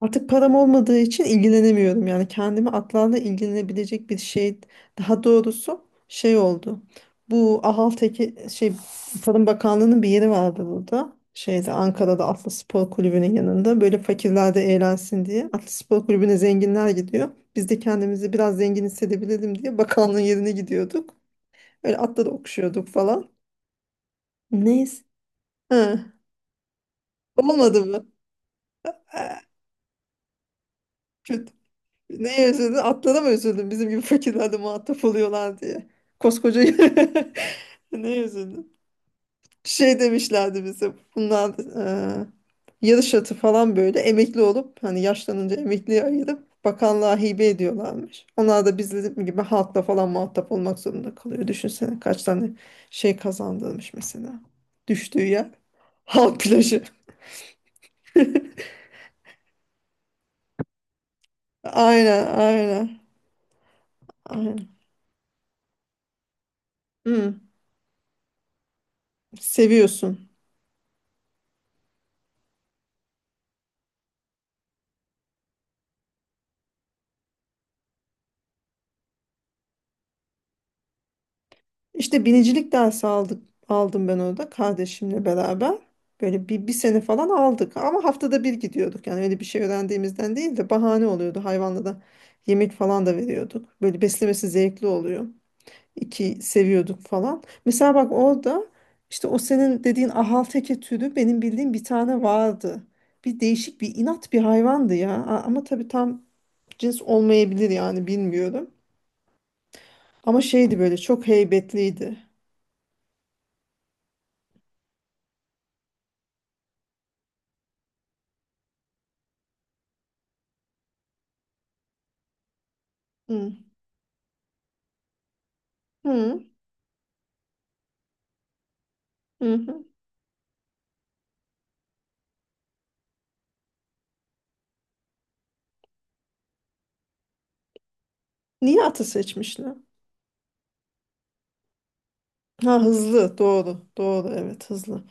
Artık param olmadığı için ilgilenemiyorum. Yani kendimi atlarla ilgilenebilecek bir şey, daha doğrusu şey oldu. Bu Ahalteki şey, Tarım Bakanlığı'nın bir yeri vardı burada. Şeyde, Ankara'da Atlı Spor Kulübü'nün yanında. Böyle fakirler de eğlensin diye. Atlı Spor Kulübü'ne zenginler gidiyor. Biz de kendimizi biraz zengin hissedebilelim diye bakanlığın yerine gidiyorduk. Öyle atları okşuyorduk falan. Neyse. Ha, olmadı mı? Kötü. Neye üzüldün? Atlara mı üzüldün? Bizim gibi fakirlerle muhatap oluyorlar diye. Koskoca neye üzüldün? Şey demişlerdi bize. Bunlar e, yarış atı falan böyle emekli olup hani yaşlanınca emekliye ayırıp bakanlığa hibe ediyorlarmış. Onlar da bizim gibi halkla falan muhatap olmak zorunda kalıyor. Düşünsene kaç tane şey kazandırmış mesela. Düştüğü yer halk plajı. Aynen aynen. Aynen. Hı, seviyorsun. İşte binicilik dersi aldım ben orada kardeşimle beraber. Böyle bir sene falan aldık ama haftada bir gidiyorduk. Yani öyle bir şey öğrendiğimizden değil de bahane oluyordu. Hayvanla da yemek falan da veriyorduk. Böyle beslemesi zevkli oluyor. İki seviyorduk falan. Mesela bak orada işte o senin dediğin ahalteke türü benim bildiğim bir tane vardı. Bir değişik bir inat bir hayvandı ya. Ama tabii tam cins olmayabilir yani bilmiyorum. Ama şeydi, böyle çok heybetliydi. Hı. Hı. Hı hı. Niye atı seçmişler? Ha hızlı, doğru doğru, evet hızlı.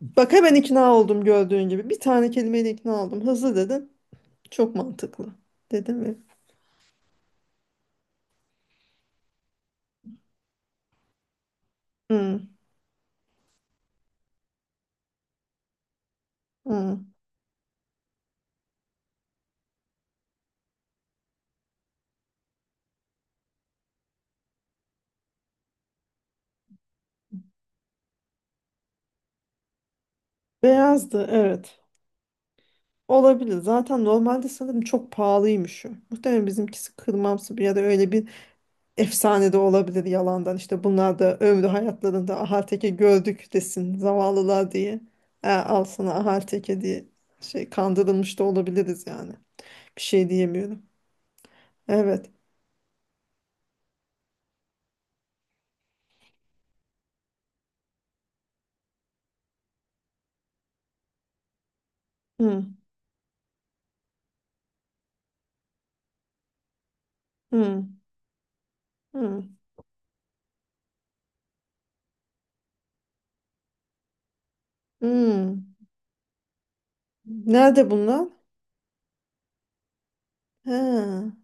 Bak hemen ikna oldum gördüğün gibi. Bir tane kelimeyle ikna oldum. Hızlı dedin. Çok mantıklı. Dedim mi? Hı, hı. Beyazdı evet. Olabilir. Zaten normalde sanırım çok pahalıymış o. Muhtemelen bizimkisi kırmamsı bir ya da öyle bir efsane de olabilir yalandan. İşte bunlar da ömrü hayatlarında ahal gördük desin zavallılar diye. Al sana ahal diye şey kandırılmış da olabiliriz yani. Bir şey diyemiyorum. Evet. Hı, hı, hı, hı. Nerede bunlar? Ha.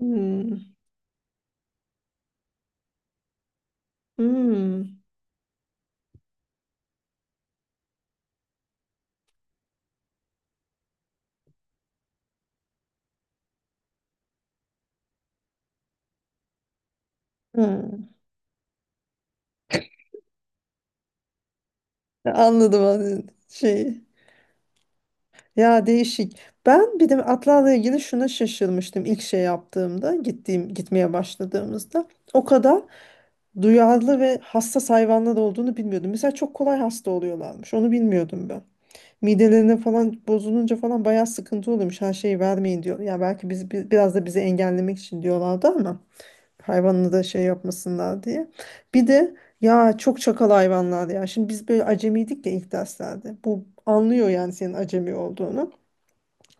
Hı, hı, hı. Anladım anladım. Şey. Ya değişik. Ben bir de atlarla ilgili şuna şaşırmıştım ilk şey yaptığımda, gitmeye başladığımızda. O kadar duyarlı ve hassas hayvanlar olduğunu bilmiyordum. Mesela çok kolay hasta oluyorlarmış. Onu bilmiyordum ben. Midelerine falan bozulunca falan bayağı sıkıntı oluyormuş. Her şeyi vermeyin diyor. Ya belki biraz da bizi engellemek için diyorlardı ama hayvanını da şey yapmasınlar diye. Bir de ya çok çakal hayvanlar ya. Şimdi biz böyle acemiydik ya ilk derslerde. Bu anlıyor yani senin acemi olduğunu.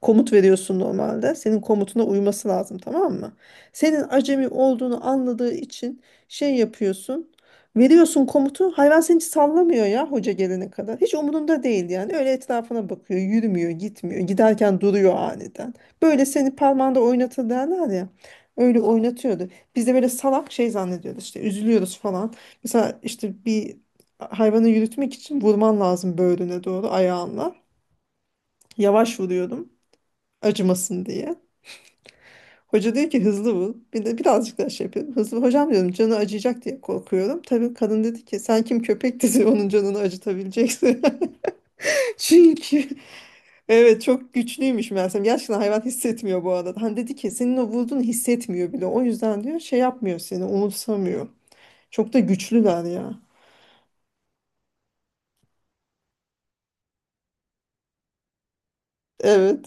Komut veriyorsun normalde. Senin komutuna uyması lazım, tamam mı? Senin acemi olduğunu anladığı için şey yapıyorsun. Veriyorsun komutu. Hayvan seni hiç sallamıyor ya hoca gelene kadar. Hiç umurunda değil yani. Öyle etrafına bakıyor. Yürümüyor, gitmiyor. Giderken duruyor aniden. Böyle seni parmağında oynatır derler ya. Öyle oynatıyordu. Biz de böyle salak şey zannediyoruz işte. Üzülüyoruz falan. Mesela işte bir hayvanı yürütmek için vurman lazım böğrüne doğru ayağınla. Yavaş vuruyordum acımasın diye. Hoca diyor ki hızlı vur. Bir de birazcık daha şey yapıyorum. Hızlı vur. Hocam diyorum canı acıyacak diye korkuyorum. Tabii kadın dedi ki sen kim köpek dedi onun canını acıtabileceksin. Çünkü evet çok güçlüymüş meğersem. Gerçekten hayvan hissetmiyor bu arada. Hani dedi ki senin o vurduğunu hissetmiyor bile. O yüzden diyor şey yapmıyor, seni umursamıyor. Çok da güçlüler ya. Evet.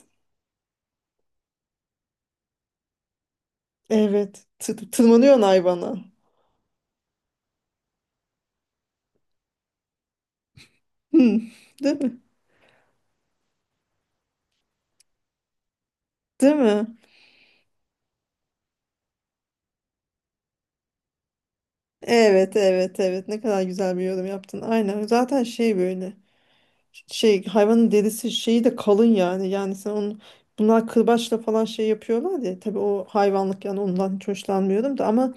Evet. Tırmanıyorsun hayvana. Hı. Değil mi? Değil mi? Evet evet evet, ne kadar güzel bir yorum yaptın. Aynen zaten şey böyle, şey hayvanın derisi şeyi de kalın yani. Yani sen onu, bunlar kırbaçla falan şey yapıyorlar ya. Tabii o hayvanlık yani ondan hiç hoşlanmıyorum da ama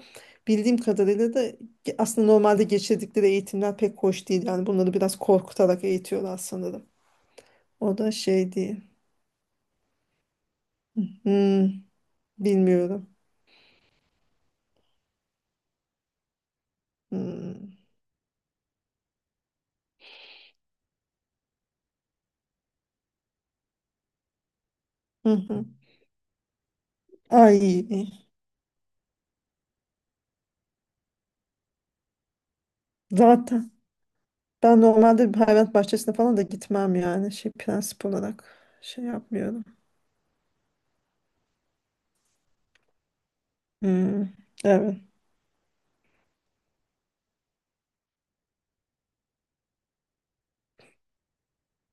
bildiğim kadarıyla da aslında normalde geçirdikleri eğitimler pek hoş değil. Yani bunları biraz korkutarak eğitiyorlar sanırım. O da şey değil. Hmm, bilmiyorum. Hmm. Hı hı. Ay, zaten ben normalde bir hayvanat bahçesine falan da gitmem yani şey, prensip olarak şey yapmıyorum. Hmm. Evet.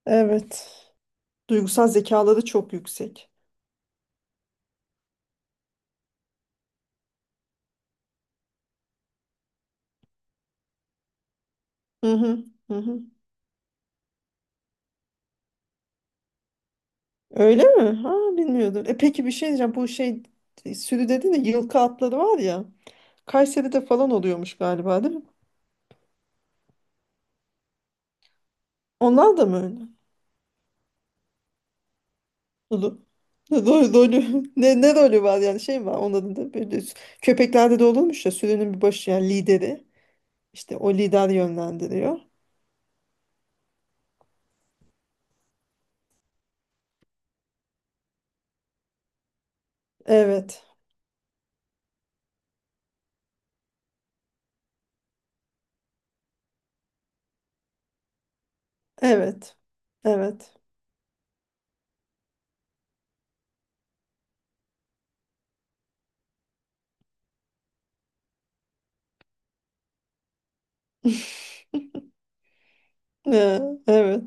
Evet. Duygusal zekaları çok yüksek. Hı hı, hı hı. Öyle mi? Ha, bilmiyordum. E peki bir şey diyeceğim. Bu şey, sürü dedin de yılkı atları var ya. Kayseri'de falan oluyormuş galiba değil mi? Onlar da mı öyle? Rol, Rolü. Ne rolü var yani, şey mi var onların da böyle köpeklerde de olurmuş ya, sürünün bir başı yani lideri. İşte o lider yönlendiriyor. Evet. Evet. Evet. Ee, evet.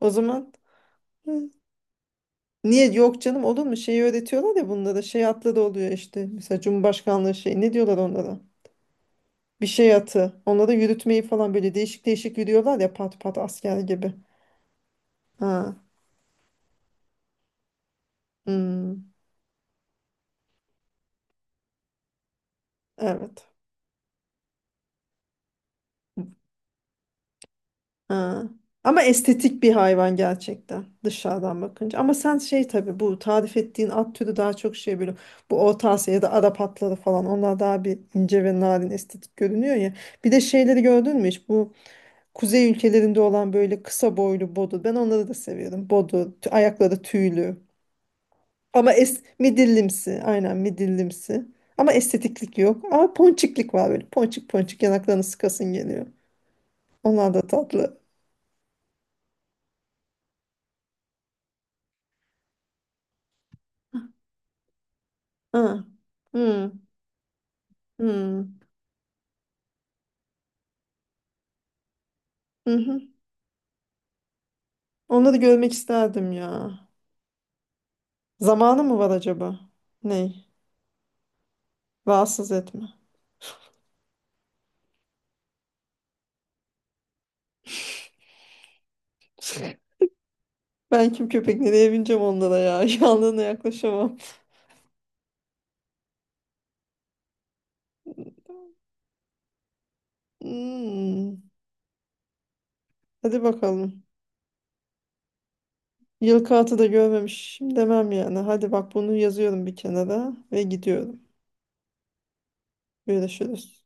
O zaman niye yok canım, olur mu? Şeyi öğretiyorlar ya bunlara. Şey atlı da oluyor işte. Mesela Cumhurbaşkanlığı şey, ne diyorlar onlara? Bir şey atı. Onlara yürütmeyi falan, böyle değişik değişik yürüyorlar ya pat pat asker gibi. Ha. Hmm. Evet. Ha. Ama estetik bir hayvan gerçekten dışarıdan bakınca. Ama sen şey, tabii bu tarif ettiğin at türü daha çok şey böyle, bu Orta Asya ya da Arap atları falan, onlar daha bir ince ve narin estetik görünüyor ya. Bir de şeyleri gördün mü hiç? Bu Kuzey ülkelerinde olan böyle kısa boylu bodu. Ben onları da seviyorum. Bodu, ayakları tüylü. Ama es midillimsi. Aynen midillimsi. Ama estetiklik yok. Ama ponçiklik var böyle. Ponçik ponçik yanaklarını sıkasın geliyor. Onlar da tatlı. Hı. Hı. Hı. Hı hı. Onları görmek isterdim ya. Zamanı mı var acaba? Ney? Rahatsız etme. Ben kim köpek nereye bineceğim onlara ya. Yanlarına yaklaşamam. Hmm. Hadi bakalım. Yılkı atı da görmemişim demem yani. Hadi bak bunu yazıyorum bir kenara ve gidiyorum. Görüşürüz.